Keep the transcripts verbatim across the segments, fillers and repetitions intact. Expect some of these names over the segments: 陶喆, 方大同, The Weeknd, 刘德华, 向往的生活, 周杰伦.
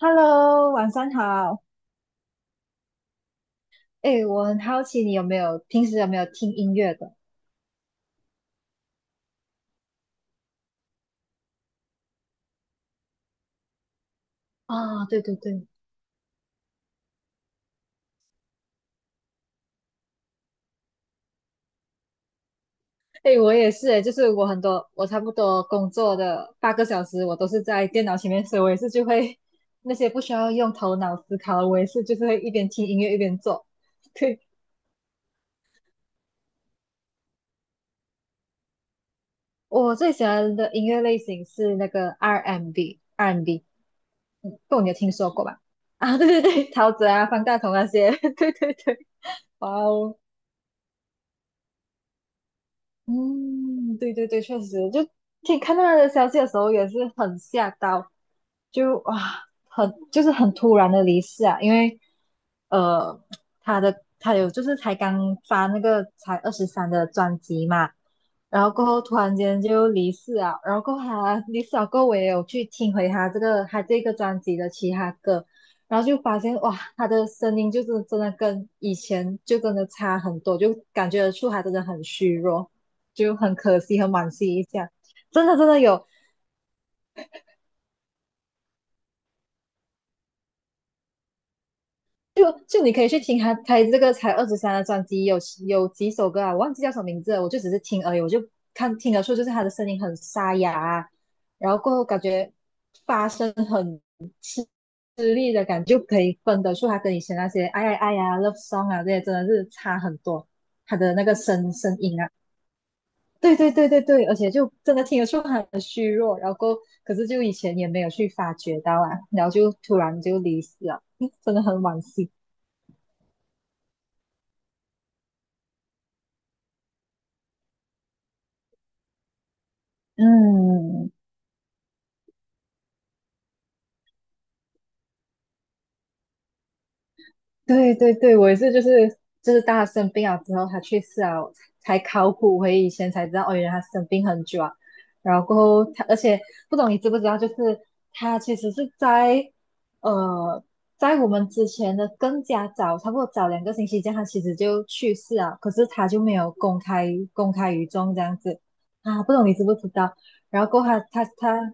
Hello，晚上好。哎，我很好奇你有没有平时有没有听音乐的？啊、对对对，哎，我也是，哎，就是我很多，我差不多工作的八个小时，我都是在电脑前面，所以我也是就会那些不需要用头脑思考的，我也是就是会一边听音乐一边做。对，我最喜欢的音乐类型是那个 R and B，R and B，m m 嗯，不，你有听说过吧？啊，对对对，陶喆啊，方大同那些，对对对。哇哦，嗯，对对对，确实，就听看到他的消息的时候也是很吓到，就啊，很就是很突然的离世啊，因为呃，他的他有就是才刚发那个才二十三的专辑嘛，然后过后突然间就离世啊，然后过后他离世了过后，我也有去听回他这个他这个专辑的其他歌，然后就发现哇，他的声音就是真的跟以前就真的差很多，就感觉得出他真的很虚弱，就很可惜，很惋惜一下。真的真的有，就就你可以去听他他这个才二十三的专辑，有有几首歌啊，我忘记叫什么名字了，我就只是听而已，我就看听得出就是他的声音很沙哑啊然后过后感觉发声很吃力的感觉，就可以分得出他跟以前那些哎呀哎呀 love song 啊这些真的是差很多，他的那个声声音啊，对对对对对，而且就真的听得出他很虚弱，然后过后可是就以前也没有去发觉到啊，然后就突然就离世了，真的很惋惜，嗯。对对对，我也是，就是就是大他生病了之后，他去世啊，才考古回以前才知道，哦，原来他生病很久啊。然后过后他，而且不懂你知不知道，就是他其实是在呃，在我们之前的更加早，差不多早两个星期这样，他其实就去世了，可是他就没有公开公开于众这样子啊，不懂你知不知道？然后过后他他他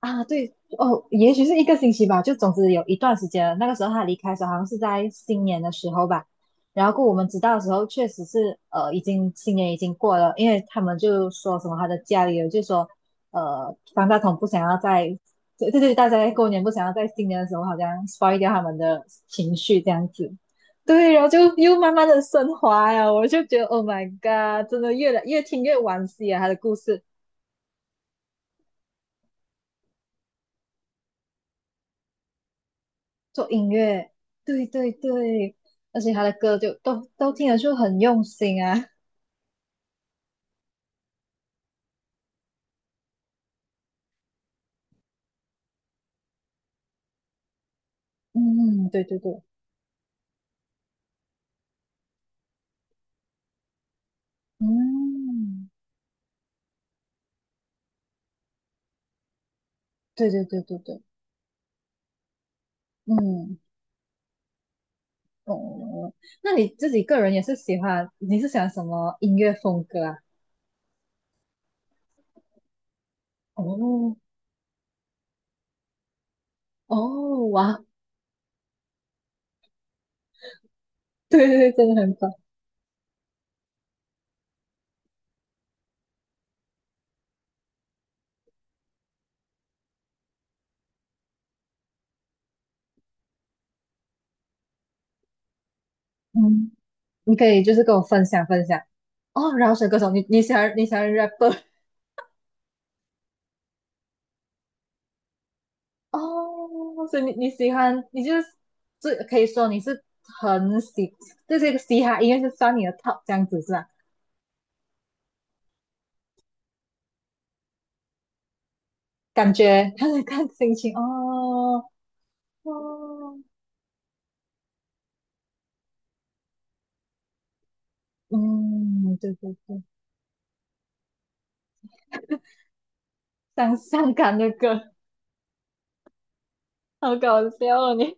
啊，对哦，也许是一个星期吧，就总之有一段时间了。那个时候他离开的时候，好像是在新年的时候吧。然后过我们知道的时候，确实是呃，已经新年已经过了，因为他们就说什么他的家里人就说，呃，方大同不想要在，对对对，大家在过年不想要在新年的时候好像 spoil 掉他们的情绪这样子。对，然后就又慢慢的升华呀，我就觉得 Oh my God,真的越来越听越惋惜啊，他的故事。做音乐，对对对，而且他的歌就都都听得出很用心啊。嗯，嗯嗯对对对，嗯，对对对对对，嗯，哦，哦哦那你自己个人也是喜欢，你是喜欢什么音乐风格啊？哦哦，哇，对对对，真的很棒。嗯，你可以就是跟我分享分享。哦，饶舌歌手，你你喜欢你喜欢 rapper？哦，所以你你喜欢，你就是最可以说你是很喜，这是嘻哈音乐是算你的 top 这样子是吧？感觉看看心情哦哦，嗯，对对对，伤伤感的歌，好搞笑哦你，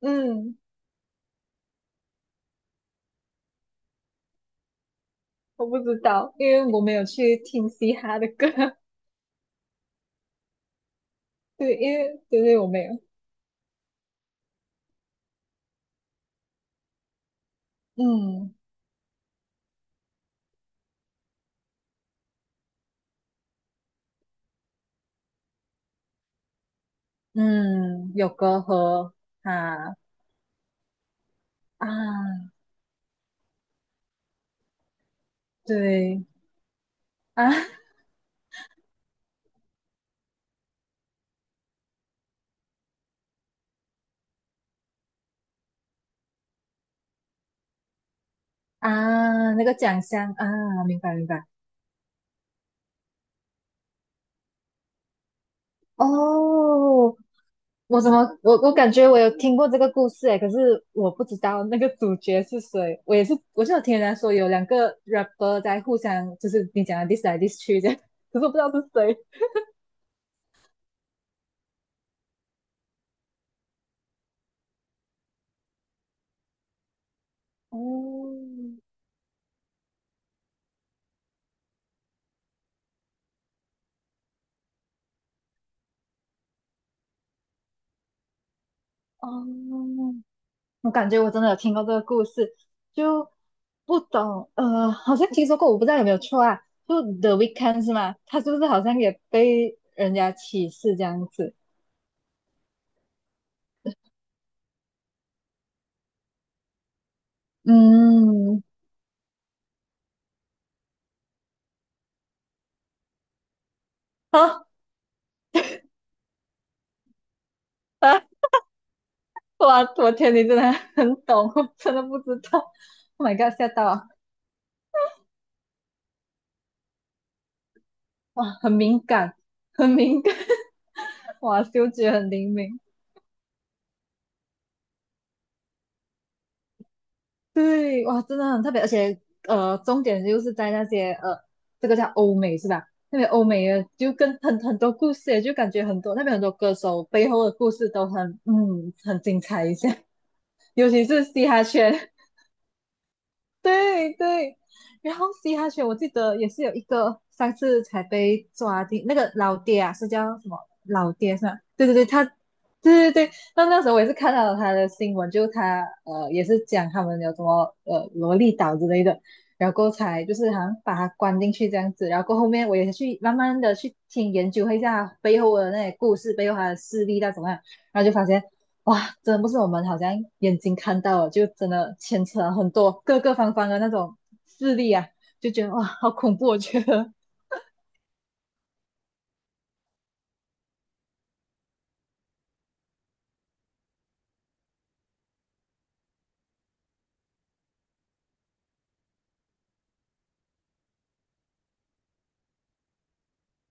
嗯，我不知道，因为我没有去听嘻哈的歌，对，因为对对我没有，嗯嗯，有隔阂啊啊，对啊。啊，那个奖项啊，明白明白。哦，我怎么我我感觉我有听过这个故事诶，可是我不知道那个主角是谁。我也是，我是有听人家说有两个 rapper 在互相，就是你讲的 diss 来 diss 去这样，可是我不知道是谁。哦哦，我感觉我真的有听过这个故事，就不懂呃，好像听说过，我不知道有没有错啊。就 The Weeknd e 是吗？他是不是好像也被人家歧视这样子？嗯，啊啊，哇，我天，你真的很懂，我真的不知道。Oh my god,吓到啊！哇，很敏感，很敏感，哇，嗅觉很灵敏。对，哇，真的很特别，而且呃，重点就是在那些呃，这个叫欧美是吧？那边欧美的就跟很很多故事，就感觉很多那边很多歌手背后的故事都很嗯很精彩一些，尤其是嘻哈圈，对对，然后嘻哈圈我记得也是有一个上次才被抓进那个老爹啊，是叫什么老爹是吧？对对对，他对对对，那那时候我也是看到他的新闻，就他呃也是讲他们有什么呃萝莉岛之类的，然后过后才就是好像把他关进去这样子，然后过后后面我也去慢慢的去听研究一下他背后的那些故事，背后他的事例到怎么样，然后就发现哇，真的不是我们好像眼睛看到了，就真的牵扯了很多各个方方的那种势力啊，就觉得哇，好恐怖！我觉得，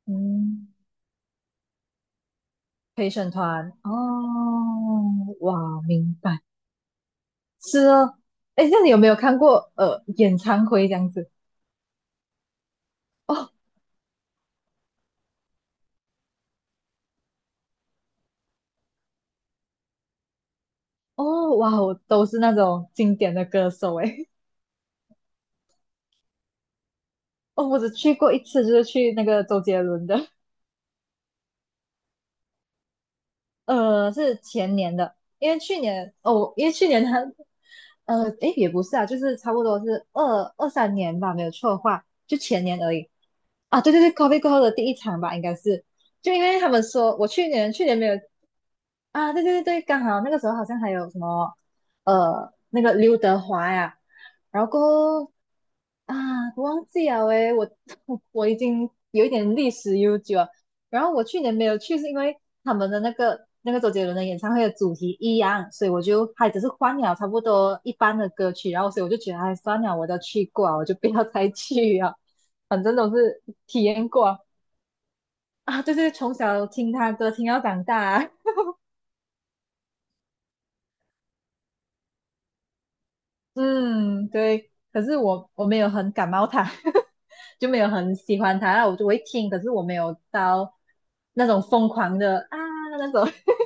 嗯，陪审团哦，哇，明白，是哦。哎，那你有没有看过呃演唱会这样子？哦哦，哇，我都是那种经典的歌手哎。哦，我只去过一次，就是去那个周杰伦的。呃，是前年的，因为去年哦，因为去年他，呃，诶，也不是啊，就是差不多是二二三年吧，没有错的话，就前年而已。啊，对对对，COVID f 过后的第一场吧，应该是，就因为他们说我去年去年没有啊，对对对对，刚好那个时候好像还有什么，呃，那个刘德华呀，然后过后啊，忘记了诶，我 我已经有一点历史悠久，然后我去年没有去，是因为他们的那个那个周杰伦的演唱会的主题一样，所以我就还只是换了差不多一般的歌曲，然后所以我就觉得，哎，算了，我都去过了我就不要再去了，反正都是体验过啊，就是从小听他歌听到长大，嗯，对，可是我我没有很感冒他，就没有很喜欢他，然后我就会听，可是我没有到那种疯狂的啊那种，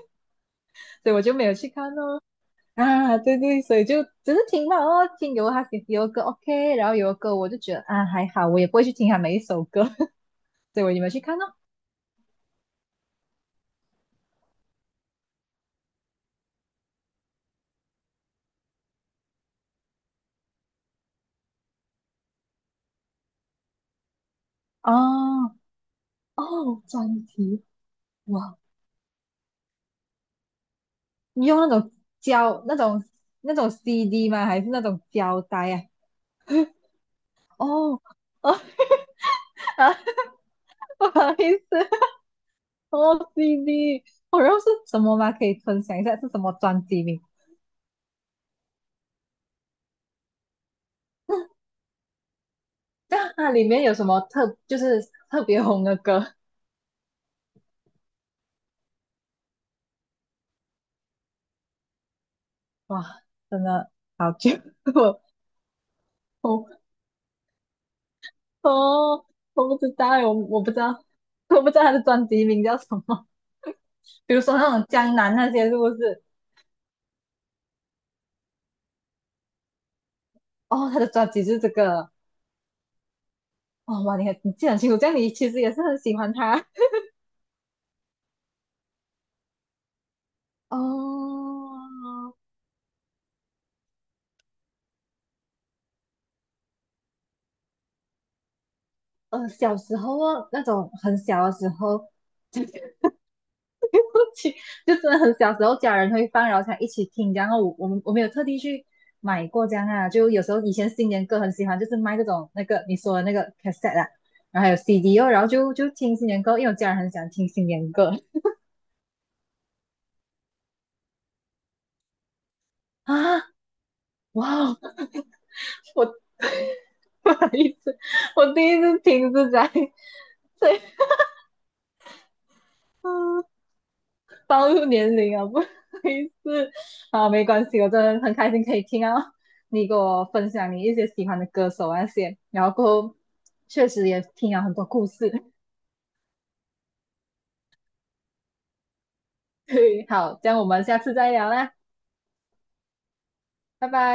所以我就没有去看哦。啊，对对，所以就只是听到哦，听有他有歌 OK,然后有歌我就觉得啊还好，我也不会去听他每一首歌，所以我也没有去看哦。哦哦，专辑哇，你用那种胶那种那种 C D 吗？还是那种胶带啊？哦哦 啊，不好意思，哦 C D,哦然后是什么吗？可以分享一下是什么专辑名？那它里面有什么特就是特别红的歌？哇，真的好久，我我哦，我不知道欸，我我不知道，我不知道他的专辑名叫什么。比如说那种江南那些是不是？哦，他的专辑就是这个。哦，哇，你很你记得很清楚，这样你其实也是很喜欢他。哦，呃，小时候哦那种很小的时候，去，就真的很小时候家人会放，然后才一起听。然后我我们我没有特地去买过这样啊，就有时候以前新年歌很喜欢，就是卖这种那个你说的那个 cassette 啊，然后还有 C D 哦，然后就就听新年歌，因为我家人很喜欢听新年歌啊。哇哦，我不好意思，我第一次听是在对。嗯暴露年龄啊，不好意思。啊，没关系，我真的很开心可以听到你给我分享你一些喜欢的歌手啊那些，然后过后确实也听了很多故事。对，好，这样我们下次再聊啦，拜拜。